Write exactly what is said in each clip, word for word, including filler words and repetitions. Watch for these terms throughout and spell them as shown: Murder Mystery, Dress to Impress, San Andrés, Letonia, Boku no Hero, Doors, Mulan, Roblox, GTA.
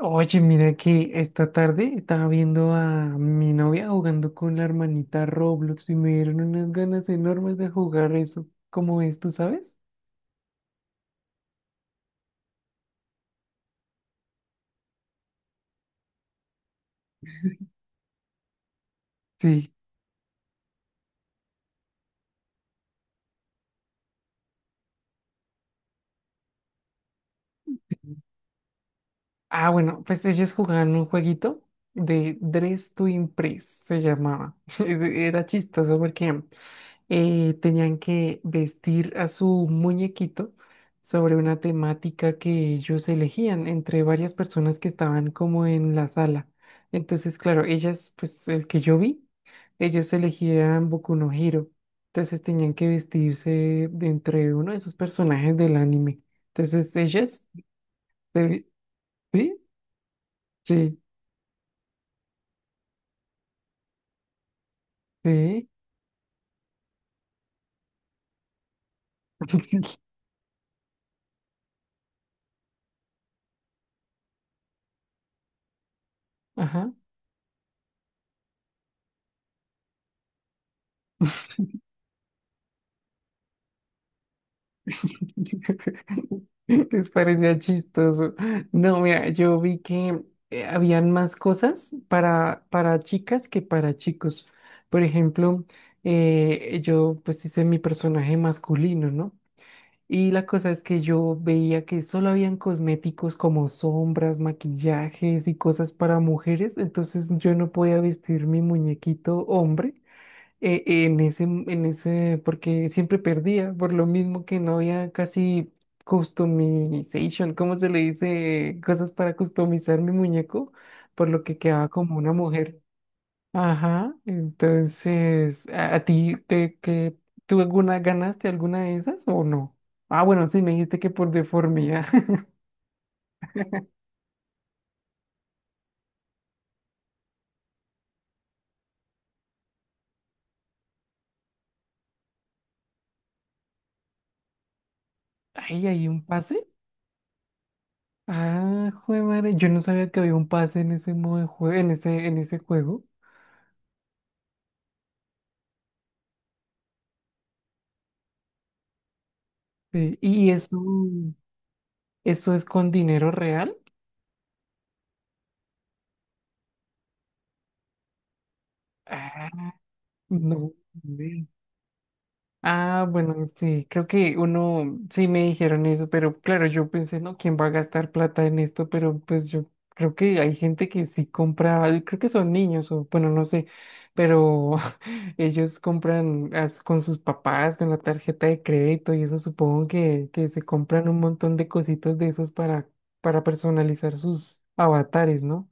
Oye, mira que esta tarde estaba viendo a mi novia jugando con la hermanita Roblox y me dieron unas ganas enormes de jugar eso. ¿Cómo es, tú sabes? Sí. Ah, bueno, pues ellos jugaban un jueguito de Dress to Impress, se llamaba. Era chistoso porque eh, tenían que vestir a su muñequito sobre una temática que ellos elegían entre varias personas que estaban como en la sala. Entonces, claro, ellas, pues el que yo vi, ellos elegían Boku no Hero. Entonces tenían que vestirse de entre uno de esos personajes del anime. Entonces ellas, sí, sí, sí. Sí. Ajá. Les parecía chistoso. No, mira, yo vi que eh, habían más cosas para, para chicas que para chicos. Por ejemplo, eh, yo pues hice mi personaje masculino, ¿no? Y la cosa es que yo veía que solo habían cosméticos como sombras, maquillajes y cosas para mujeres, entonces yo no podía vestir mi muñequito hombre eh, en ese, en ese, porque siempre perdía, por lo mismo que no había casi customization, ¿cómo se le dice? Cosas para customizar mi muñeco, por lo que quedaba como una mujer. Ajá, entonces, ¿a, a ti te, que, tú alguna ganaste alguna de esas o no? Ah, bueno, sí, me dijiste que por deformidad. Ahí hay un pase. Ah, jue madre, yo no sabía que había un pase en ese modo de juego, en ese, en ese juego. Sí, y eso. ¿Eso es con dinero real? Ah, no. Ve. Ah, bueno, sí, creo que uno, sí me dijeron eso, pero claro, yo pensé, no, ¿quién va a gastar plata en esto? Pero pues yo creo que hay gente que sí compra, y creo que son niños o bueno, no sé, pero ellos compran as- con sus papás, con la tarjeta de crédito y eso supongo que, que se compran un montón de cositas de esos para, para personalizar sus avatares, ¿no?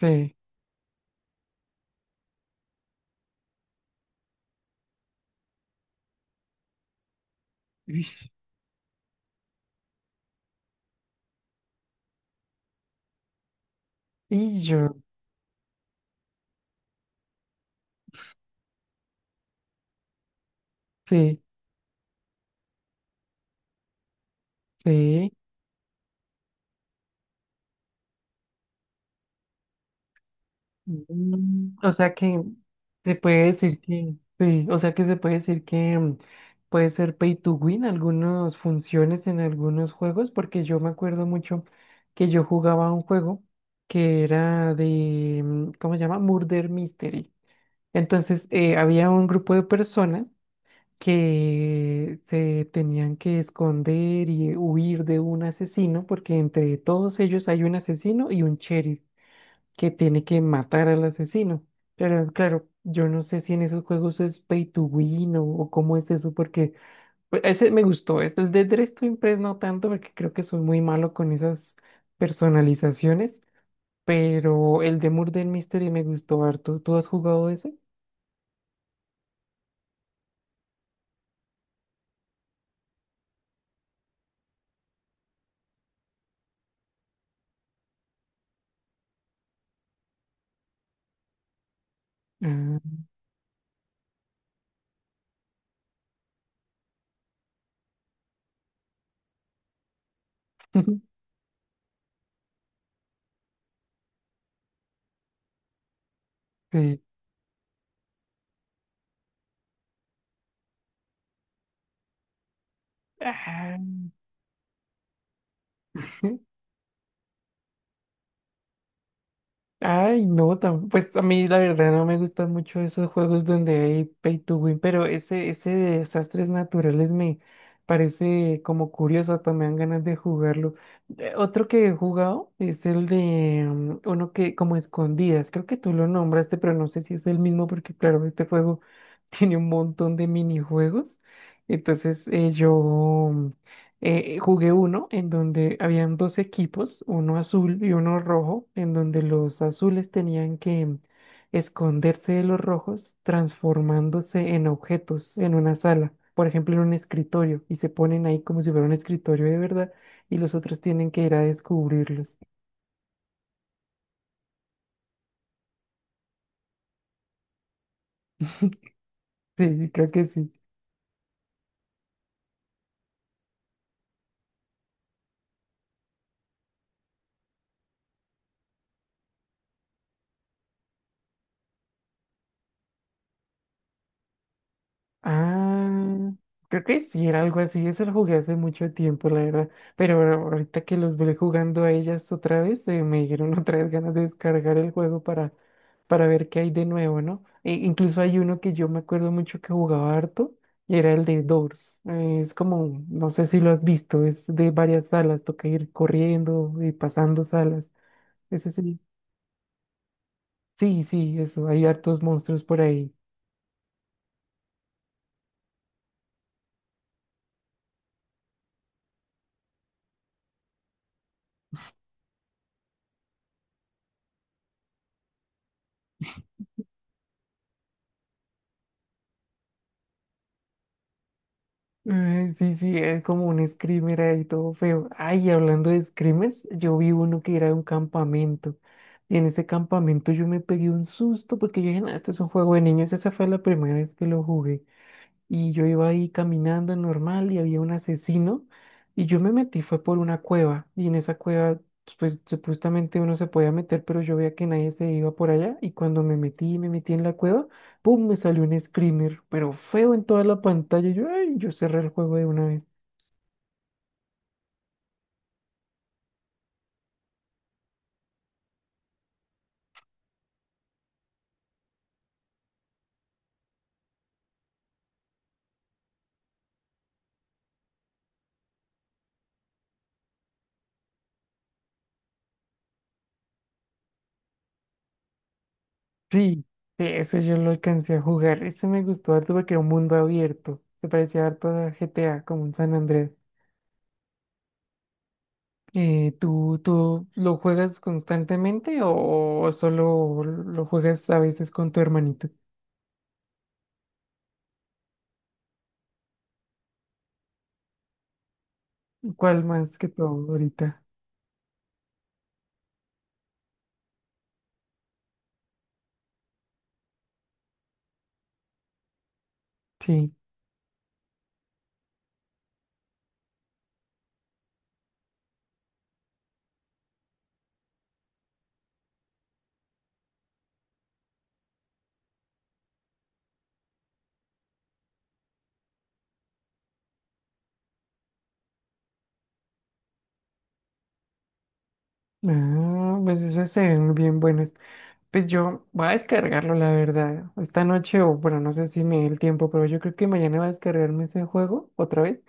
Sí. Uy. Y yo, sí. Sí. Mm, o sea que se puede decir que, sí, o sea que se puede decir que mm, puede ser pay to win algunas funciones en algunos juegos, porque yo me acuerdo mucho que yo jugaba un juego que era de, mm, ¿cómo se llama? Murder Mystery. Entonces eh, había un grupo de personas que se tenían que esconder y huir de un asesino, porque entre todos ellos hay un asesino y un sheriff, que tiene que matar al asesino. Pero claro, yo no sé si en esos juegos es pay to win o, o cómo es eso, porque pues, ese me gustó. es- El de Dress to Impress no tanto, porque creo que soy muy malo con esas personalizaciones, pero el de Murder Mystery me gustó harto. ¿Tú has jugado ese? Ah, sí. Ah. Ay, no, tam- pues a mí la verdad no me gustan mucho esos juegos donde hay pay to win, pero ese, ese de desastres naturales me parece como curioso, hasta me dan ganas de jugarlo. Eh, Otro que he jugado es el de mm, uno que como escondidas, creo que tú lo nombraste, pero no sé si es el mismo porque claro, este juego tiene un montón de minijuegos. Entonces eh, yo eh, eh, jugué uno en donde habían dos equipos, uno azul y uno rojo, en donde los azules tenían que esconderse de los rojos transformándose en objetos en una sala, por ejemplo en un escritorio, y se ponen ahí como si fuera un escritorio de verdad y los otros tienen que ir a descubrirlos. Sí, creo que sí. Ah, creo que sí, era algo así. Eso lo jugué hace mucho tiempo, la verdad. Pero ahorita que los volví jugando a ellas otra vez, eh, me dieron otra vez ganas de descargar el juego para, para ver qué hay de nuevo, ¿no? E- incluso hay uno que yo me acuerdo mucho que jugaba harto y era el de Doors. Eh, es como, no sé si lo has visto, es de varias salas, toca ir corriendo y pasando salas. Ese sí. Sí, sí, eso, hay hartos monstruos por ahí. Ay, sí, sí, es como un screamer ahí todo feo. Ay, y hablando de screamers, yo vi uno que era de un campamento. Y en ese campamento yo me pegué un susto porque yo dije, "Nah, esto es un juego de niños". Esa fue la primera vez que lo jugué y yo iba ahí caminando normal y había un asesino y yo me metí, fue por una cueva y en esa cueva pues supuestamente uno se podía meter, pero yo veía que nadie se iba por allá y cuando me metí, me metí en la cueva, ¡pum! Me salió un screamer, pero feo en toda la pantalla, yo, ay, yo cerré el juego de una vez. Sí, ese yo lo alcancé a jugar, ese me gustó harto porque era un mundo abierto, se parecía harto a G T A como un San Andrés. Eh, ¿tú, tú lo juegas constantemente o solo lo juegas a veces con tu hermanito? ¿Cuál más que todo ahorita? Sí. Ah, pues esas se ven bien buenas. Pues yo voy a descargarlo, la verdad. Esta noche, o bueno, no sé si me dé el tiempo, pero yo creo que mañana voy a descargarme ese juego otra vez.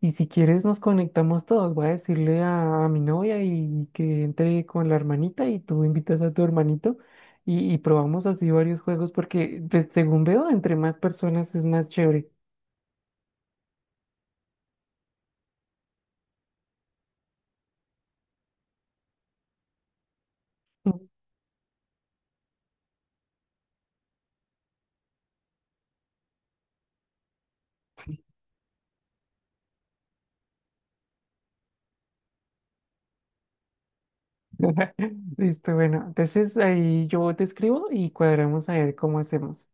Y si quieres, nos conectamos todos. Voy a decirle a, a mi novia y que entre con la hermanita y tú invitas a tu hermanito y, y probamos así varios juegos porque, pues, según veo, entre más personas es más chévere. Listo, bueno. Entonces ahí yo te escribo y cuadramos a ver cómo hacemos.